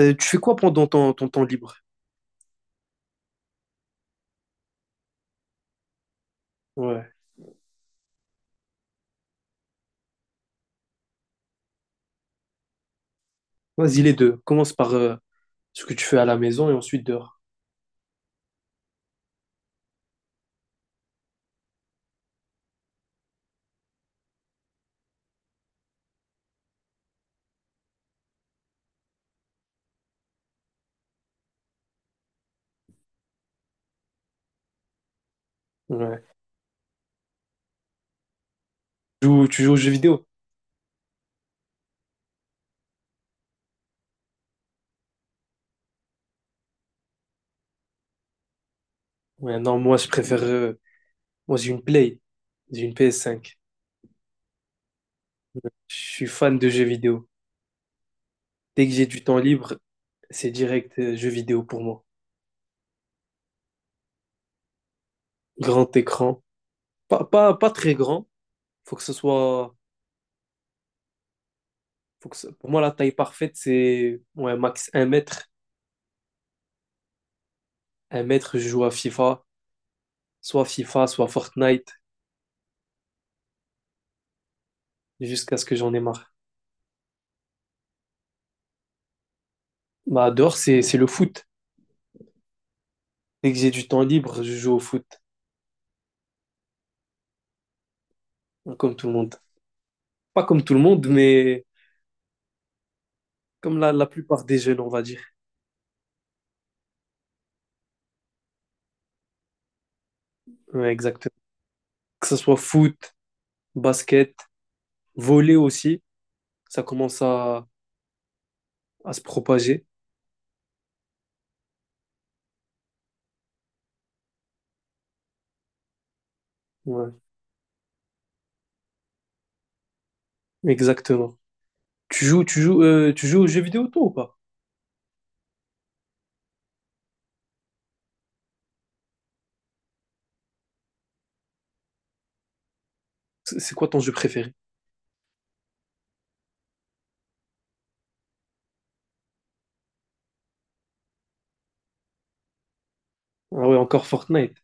Tu fais quoi pendant ton temps libre? Ouais. Vas-y, les deux. Commence par ce que tu fais à la maison et ensuite dehors. Ouais. Tu joues aux jeux vidéo? Ouais, non, moi, je préfère. Moi, j'ai une Play. J'ai une PS5. Je suis fan de jeux vidéo. Dès que j'ai du temps libre, c'est direct jeux vidéo pour moi. Grand écran. Pas très grand. Faut que ce soit. Pour moi, la taille parfaite, c'est ouais, max un mètre. Un mètre, je joue à FIFA. Soit FIFA, soit Fortnite, jusqu'à ce que j'en ai marre. Bah, dehors, c'est le foot. Dès que j'ai du temps libre, je joue au foot, comme tout le monde. Pas comme tout le monde, mais comme la plupart des jeunes, on va dire. Ouais, exactement. Que ce soit foot, basket, volley aussi, ça commence à, à se propager. Ouais, exactement. Tu joues aux jeux vidéo, toi, ou pas? C'est quoi ton jeu préféré? Ah ouais, encore Fortnite.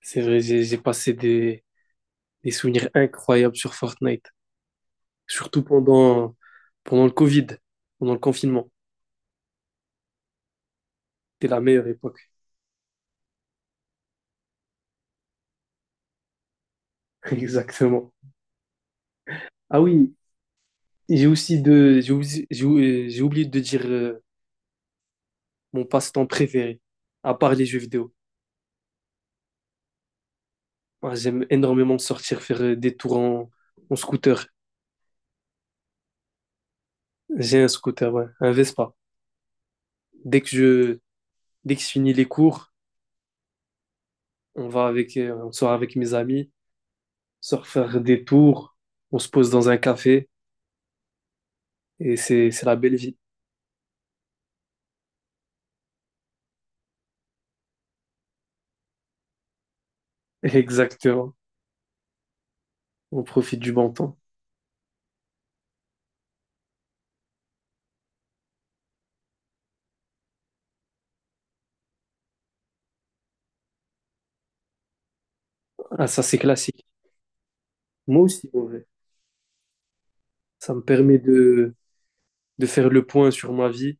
C'est vrai, j'ai des souvenirs incroyables sur Fortnite. Surtout pendant, pendant le Covid, pendant le confinement. C'était la meilleure époque. Exactement. Ah oui, j'ai oublié de dire mon passe-temps préféré, à part les jeux vidéo. Moi, j'aime énormément sortir faire des tours en scooter. J'ai un scooter, ouais, un Vespa. Dès que je, dès que je finis les cours, on sort avec mes amis, on sort faire des tours, on se pose dans un café et c'est la belle vie. Exactement. On profite du bon temps. Ah, ça, c'est classique. Moi aussi, en vrai. Ça me permet de faire le point sur ma vie.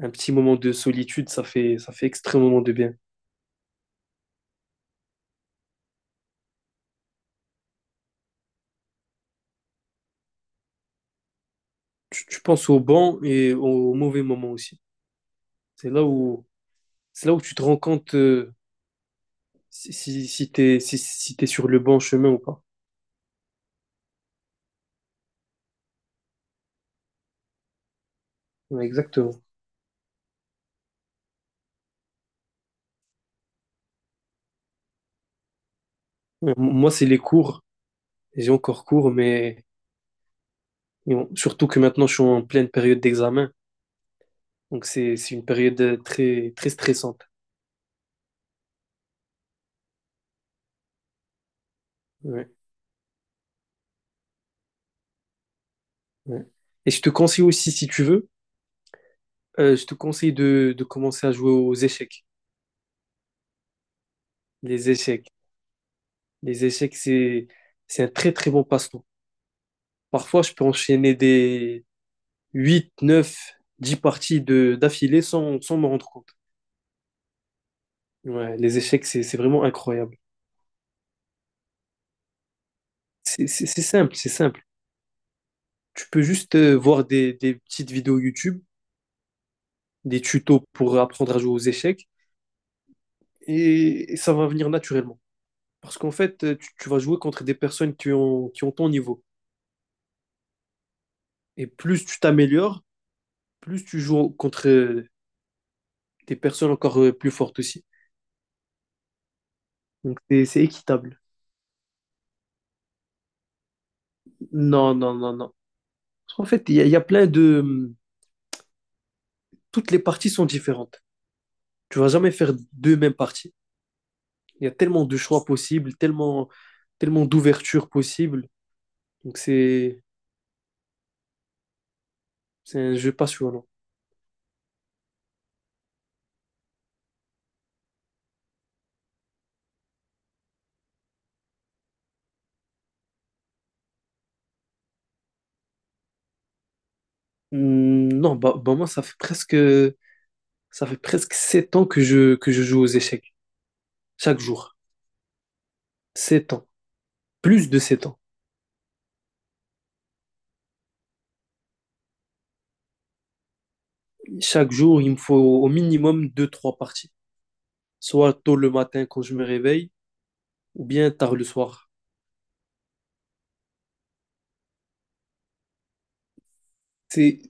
Un petit moment de solitude, ça fait extrêmement de bien. Tu penses au bon et au mauvais moment aussi. C'est là où, c'est là où tu te rends compte si t'es sur le bon chemin ou pas. Ouais, exactement. Moi, c'est les cours. J'ai encore cours, mais surtout que maintenant, je suis en pleine période d'examen. Donc, c'est une période très stressante. Ouais, ouais. Et je te conseille aussi, si tu veux, je te conseille de commencer à jouer aux échecs. Les échecs. Les échecs, c'est, c'est un très très bon passe-temps. Parfois, je peux enchaîner des 8, 9, 10 parties d'affilée sans me rendre compte. Ouais, les échecs, c'est vraiment incroyable. C'est simple. Tu peux juste voir des petites vidéos YouTube, des tutos pour apprendre à jouer aux échecs, et ça va venir naturellement. Parce qu'en fait, tu vas jouer contre des personnes qui ont ton niveau. Et plus tu t'améliores, plus tu joues contre des personnes encore plus fortes aussi. Donc c'est équitable. Non, non, non, non. En fait, il y a plein de... Toutes les parties sont différentes. Tu vas jamais faire deux mêmes parties. Il y a tellement de choix possibles, tellement, tellement d'ouvertures possibles. Donc c'est un jeu passionnant. Non, bah moi, ça fait presque 7 ans que que je joue aux échecs. Chaque jour. Sept ans. Plus de 7 ans. Chaque jour, il me faut au minimum deux trois parties. Soit tôt le matin quand je me réveille, ou bien tard le soir. C'est,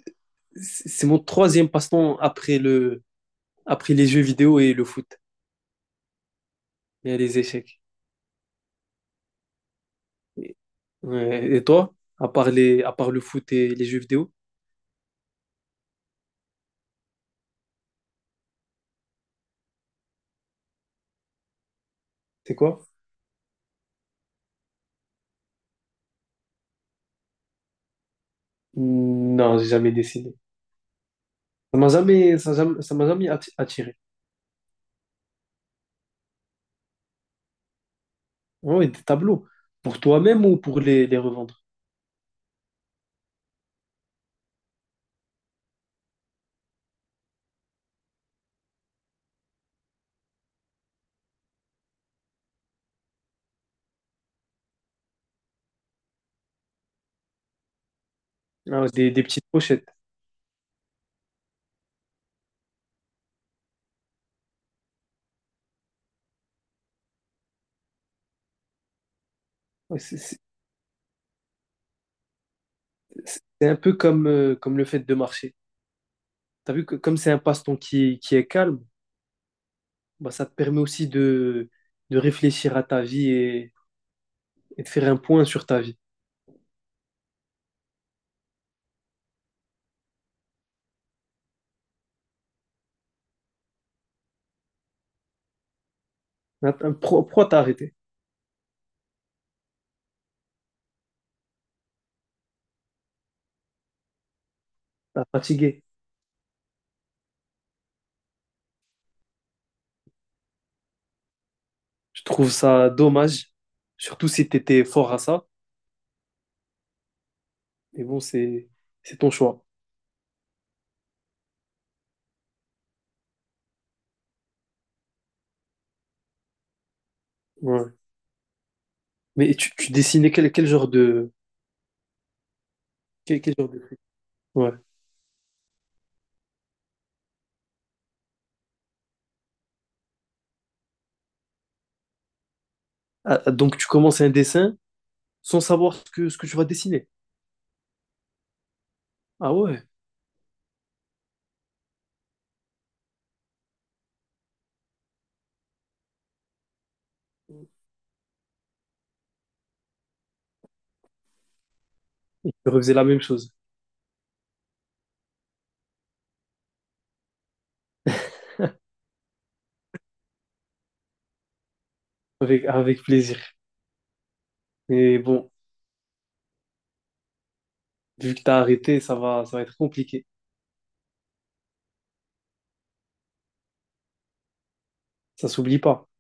c'est mon troisième passe-temps après après les jeux vidéo et le foot et les échecs. Et, ouais, et toi, à part le foot et les jeux vidéo, c'est quoi? Non, j'ai jamais dessiné. Ça m'a jamais attiré. Ah ouais, des tableaux. Pour toi-même ou pour les revendre? Ah ouais, des petites pochettes. Ouais, c'est c'est- c'est un peu comme, comme le fait de marcher. T'as vu que comme c'est un passe-temps qui est calme, bah, ça te permet aussi de réfléchir à ta vie et de faire un point sur ta vie. Pourquoi t'as arrêté? T'as fatigué. Je trouve ça dommage, surtout si t'étais fort à ça. Mais bon, c'est ton choix. Ouais. Mais tu dessinais quel genre de... quel genre de... Ouais. Ah, ah, donc tu commences un dessin sans savoir ce que tu vas dessiner. Ah ouais, et tu refaisais la même chose. Avec, avec plaisir. Mais bon, vu que t'as arrêté, ça va être compliqué. Ça s'oublie pas.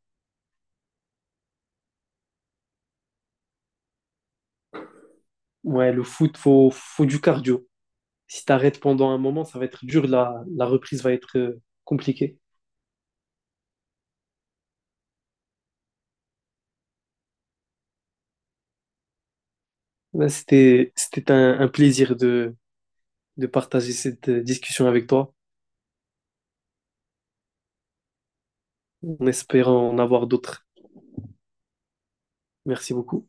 Ouais, le foot, faut du cardio. Si t'arrêtes pendant un moment, ça va être dur, la reprise va être compliquée. Là, c'était un plaisir de partager cette discussion avec toi, en espérant en avoir d'autres. Merci beaucoup.